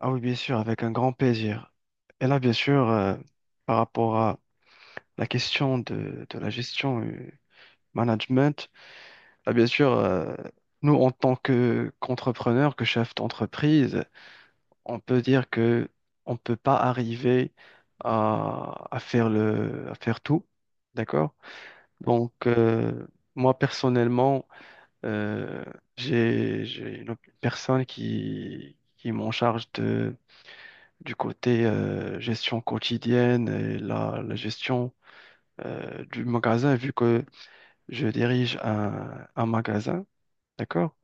Ah oui, bien sûr, avec un grand plaisir. Et là, bien sûr, par rapport à la question de la gestion, management, là, bien sûr, nous, en tant que qu'entrepreneur, que chef d'entreprise, on peut dire que on peut pas arriver à faire à faire tout, d'accord? Donc, moi, personnellement, euh, j'ai une personne qui m'en charge du côté, gestion quotidienne et la gestion du magasin, vu que je dirige un magasin, d'accord?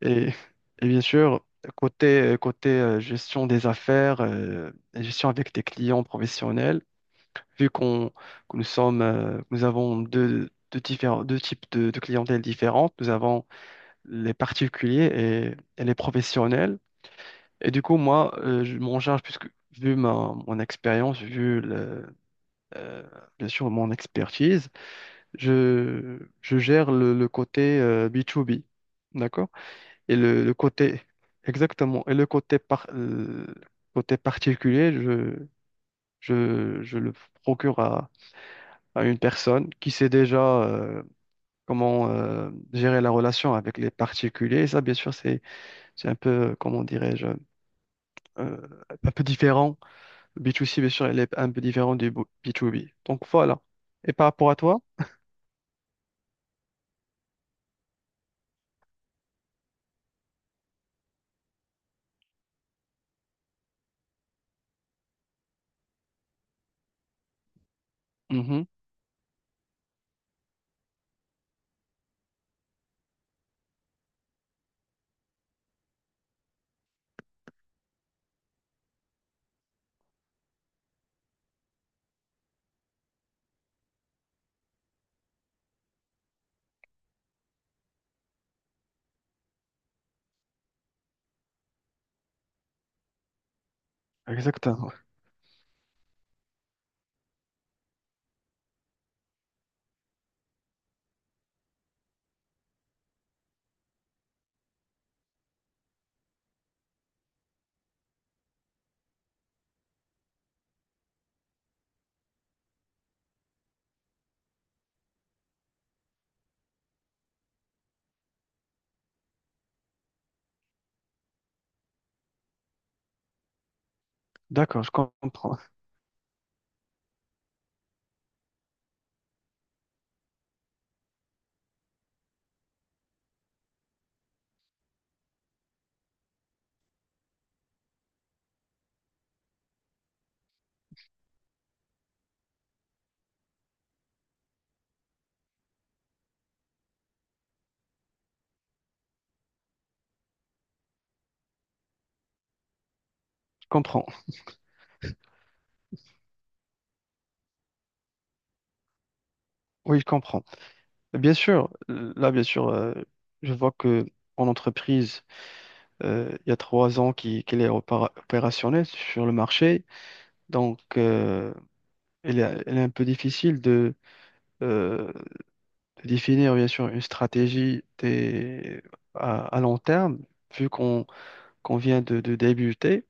Et, et bien sûr, côté, gestion des affaires, et gestion avec des clients professionnels, vu qu'on, que nous sommes, nous avons deux types de clientèle différentes, nous avons les particuliers et les professionnels. Et du coup, moi, je m'en charge, puisque mon expérience, euh, bien sûr mon expertise, je gère le côté, B2B, d'accord? Et le, le côté, exactement, et le côté, le côté particulier, je le procure à une personne qui sait déjà, comment, gérer la relation avec les particuliers. Et ça, bien sûr, c'est un peu, comment dirais-je, euh, un peu différent, B2C, bien sûr, elle est un peu différente du B2B. Donc voilà. Et par rapport à toi, mhm. Exactement. D'accord, je comprends. Je comprends. Oui, je comprends. Bien sûr, là, bien sûr, je vois que en entreprise, il y a trois ans qu'elle est opérationnelle sur le marché. Donc, elle est un peu difficile euh, de définir, bien sûr, une à long terme, vu qu'on vient de débuter.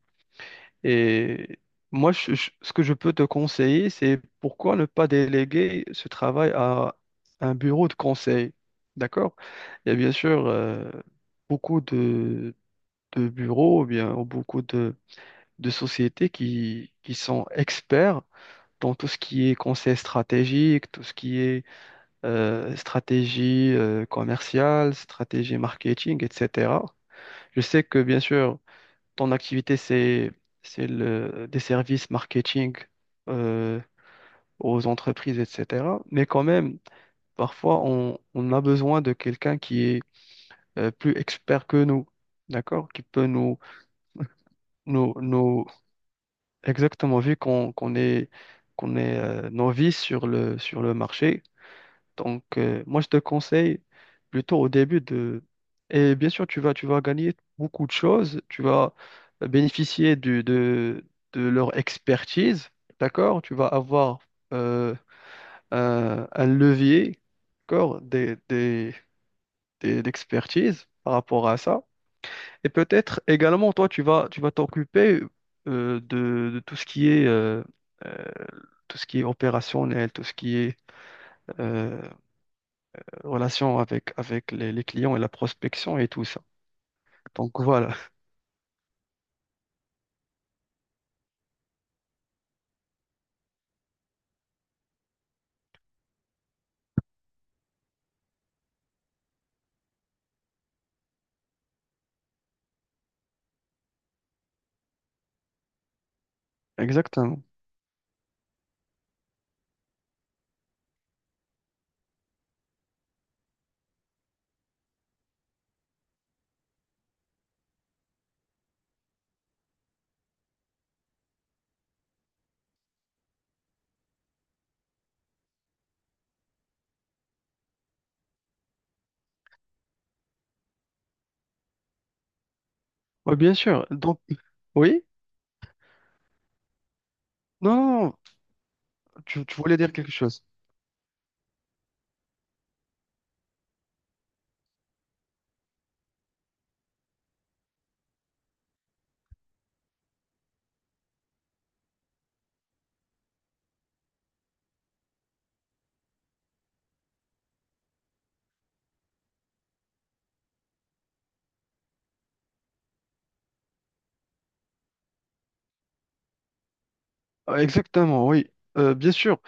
Et moi, ce que je peux te conseiller, c'est pourquoi ne pas déléguer ce travail à un bureau de conseil. D'accord? Il y a bien sûr, beaucoup de bureaux, ou bien beaucoup de sociétés qui sont experts dans tout ce qui est conseil stratégique, tout ce qui est, stratégie, commerciale, stratégie marketing, etc. Je sais que, bien sûr, ton activité, c'est des services marketing, euh, aux entreprises, etc. Mais quand même, parfois, on a besoin de quelqu'un qui est, plus expert que nous, d'accord? Qui peut nous exactement, vu qu'on est, novice sur le marché. Donc, moi, je te conseille plutôt au début de... Et bien sûr, tu vas gagner beaucoup de choses. Tu vas bénéficier de leur expertise, d'accord? Tu vas avoir, euh, un levier, d'accord, d'expertise par rapport à ça. Et peut-être également, toi, tu vas t'occuper, de tout ce qui est... euh, tout ce qui est opérationnel, tout ce qui est, euh, relation avec, avec les clients et la prospection et tout ça. Donc voilà, exactement. Oui, bien sûr. Donc, oui? Non, non, non, tu voulais dire quelque chose. Ah, exactement, oui. Bien sûr,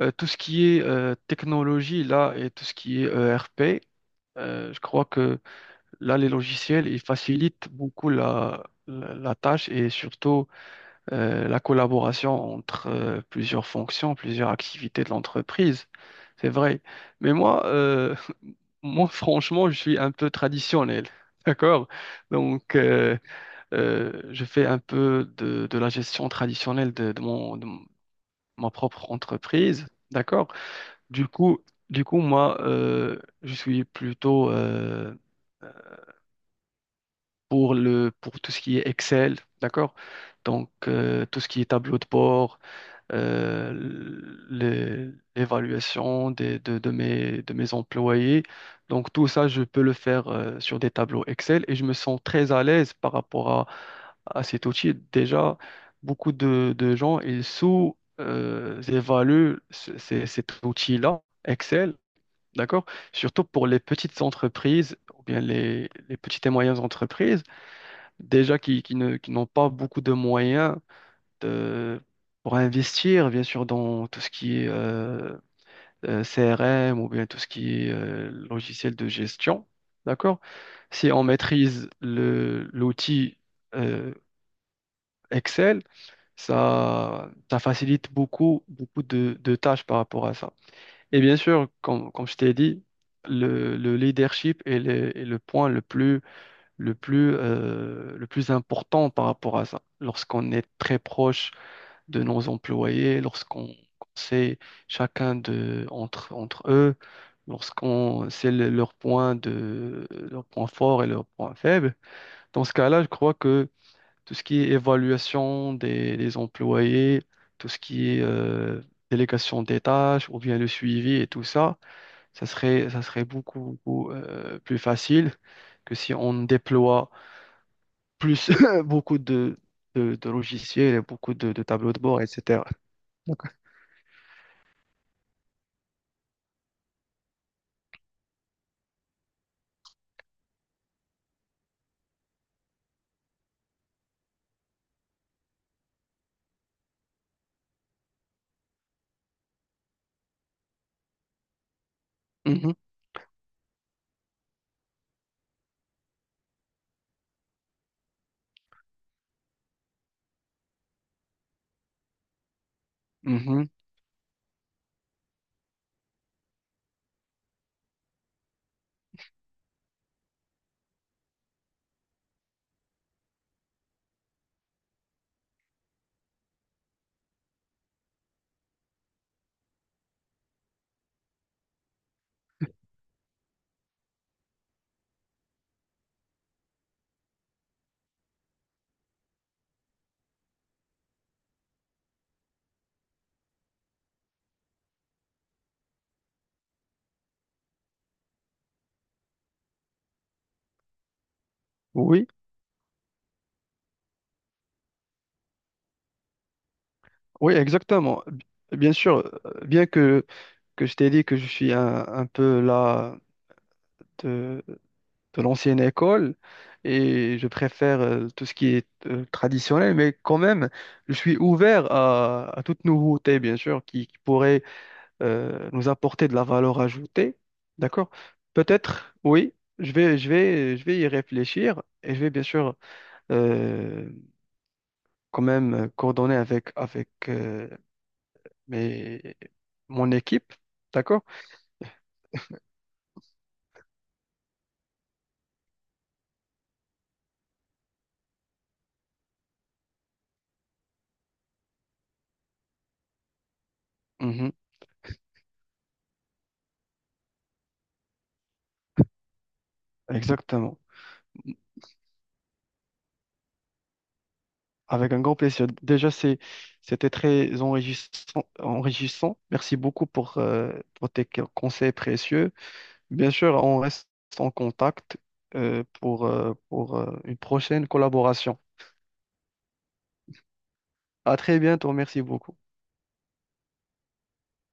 tout ce qui est, technologie là et tout ce qui est ERP, je crois que là, les logiciels, ils facilitent beaucoup la tâche et surtout, la collaboration entre, plusieurs fonctions, plusieurs activités de l'entreprise. C'est vrai. Mais moi, moi, franchement, je suis un peu traditionnel. D'accord? Donc, je fais un peu de la gestion traditionnelle de, de ma propre entreprise. D'accord? Du coup, du coup, moi, je suis plutôt, pour pour tout ce qui est Excel. D'accord? Donc, tout ce qui est tableau de bord, euh, l'é- l'évaluation de mes employés. Donc tout ça, je peux le faire, sur des tableaux Excel et je me sens très à l'aise par rapport à cet outil. Déjà, beaucoup de gens, ils sous-évaluent cet outil-là, Excel, d'accord? Surtout pour les petites entreprises, ou bien les petites et moyennes entreprises, déjà qui n'ont pas beaucoup de moyens, euh, pour investir, bien sûr, dans tout ce qui est, CRM ou bien tout ce qui est, logiciel de gestion. D'accord? Si on maîtrise l'outil, euh, Excel, ça facilite beaucoup, beaucoup de tâches par rapport à ça. Et bien sûr, comme, comme je t'ai dit, le leadership est est le point le plus important par rapport à ça. Lorsqu'on est très proche de nos employés, lorsqu'on qu'on sait chacun entre, entre eux, lorsqu'on sait leurs leurs points forts et leurs points faibles. Dans ce cas-là, je crois que tout ce qui est évaluation des employés, tout ce qui est, délégation des tâches ou bien le suivi et tout ça, ça serait beaucoup, beaucoup, plus facile que si on déploie plus beaucoup de, de logiciels, et beaucoup de tableaux de bord, etc. Mhm, mhm. Oui, oui, exactement. Bien sûr, bien que je t'ai dit que je suis un peu là de l'ancienne école et je préfère, tout ce qui est, traditionnel, mais quand même, je suis ouvert à toute nouveauté, bien sûr, qui pourrait, nous apporter de la valeur ajoutée. D'accord? Peut-être, oui, je vais y réfléchir et je vais bien sûr, euh, quand même coordonner avec, avec, mes, mon équipe. D'accord? Mhm, exactement. Avec un grand plaisir. Déjà, c'était très enrichissant. Merci beaucoup pour tes conseils précieux. Bien sûr, on reste en contact, pour, une prochaine collaboration. À très bientôt. Merci beaucoup.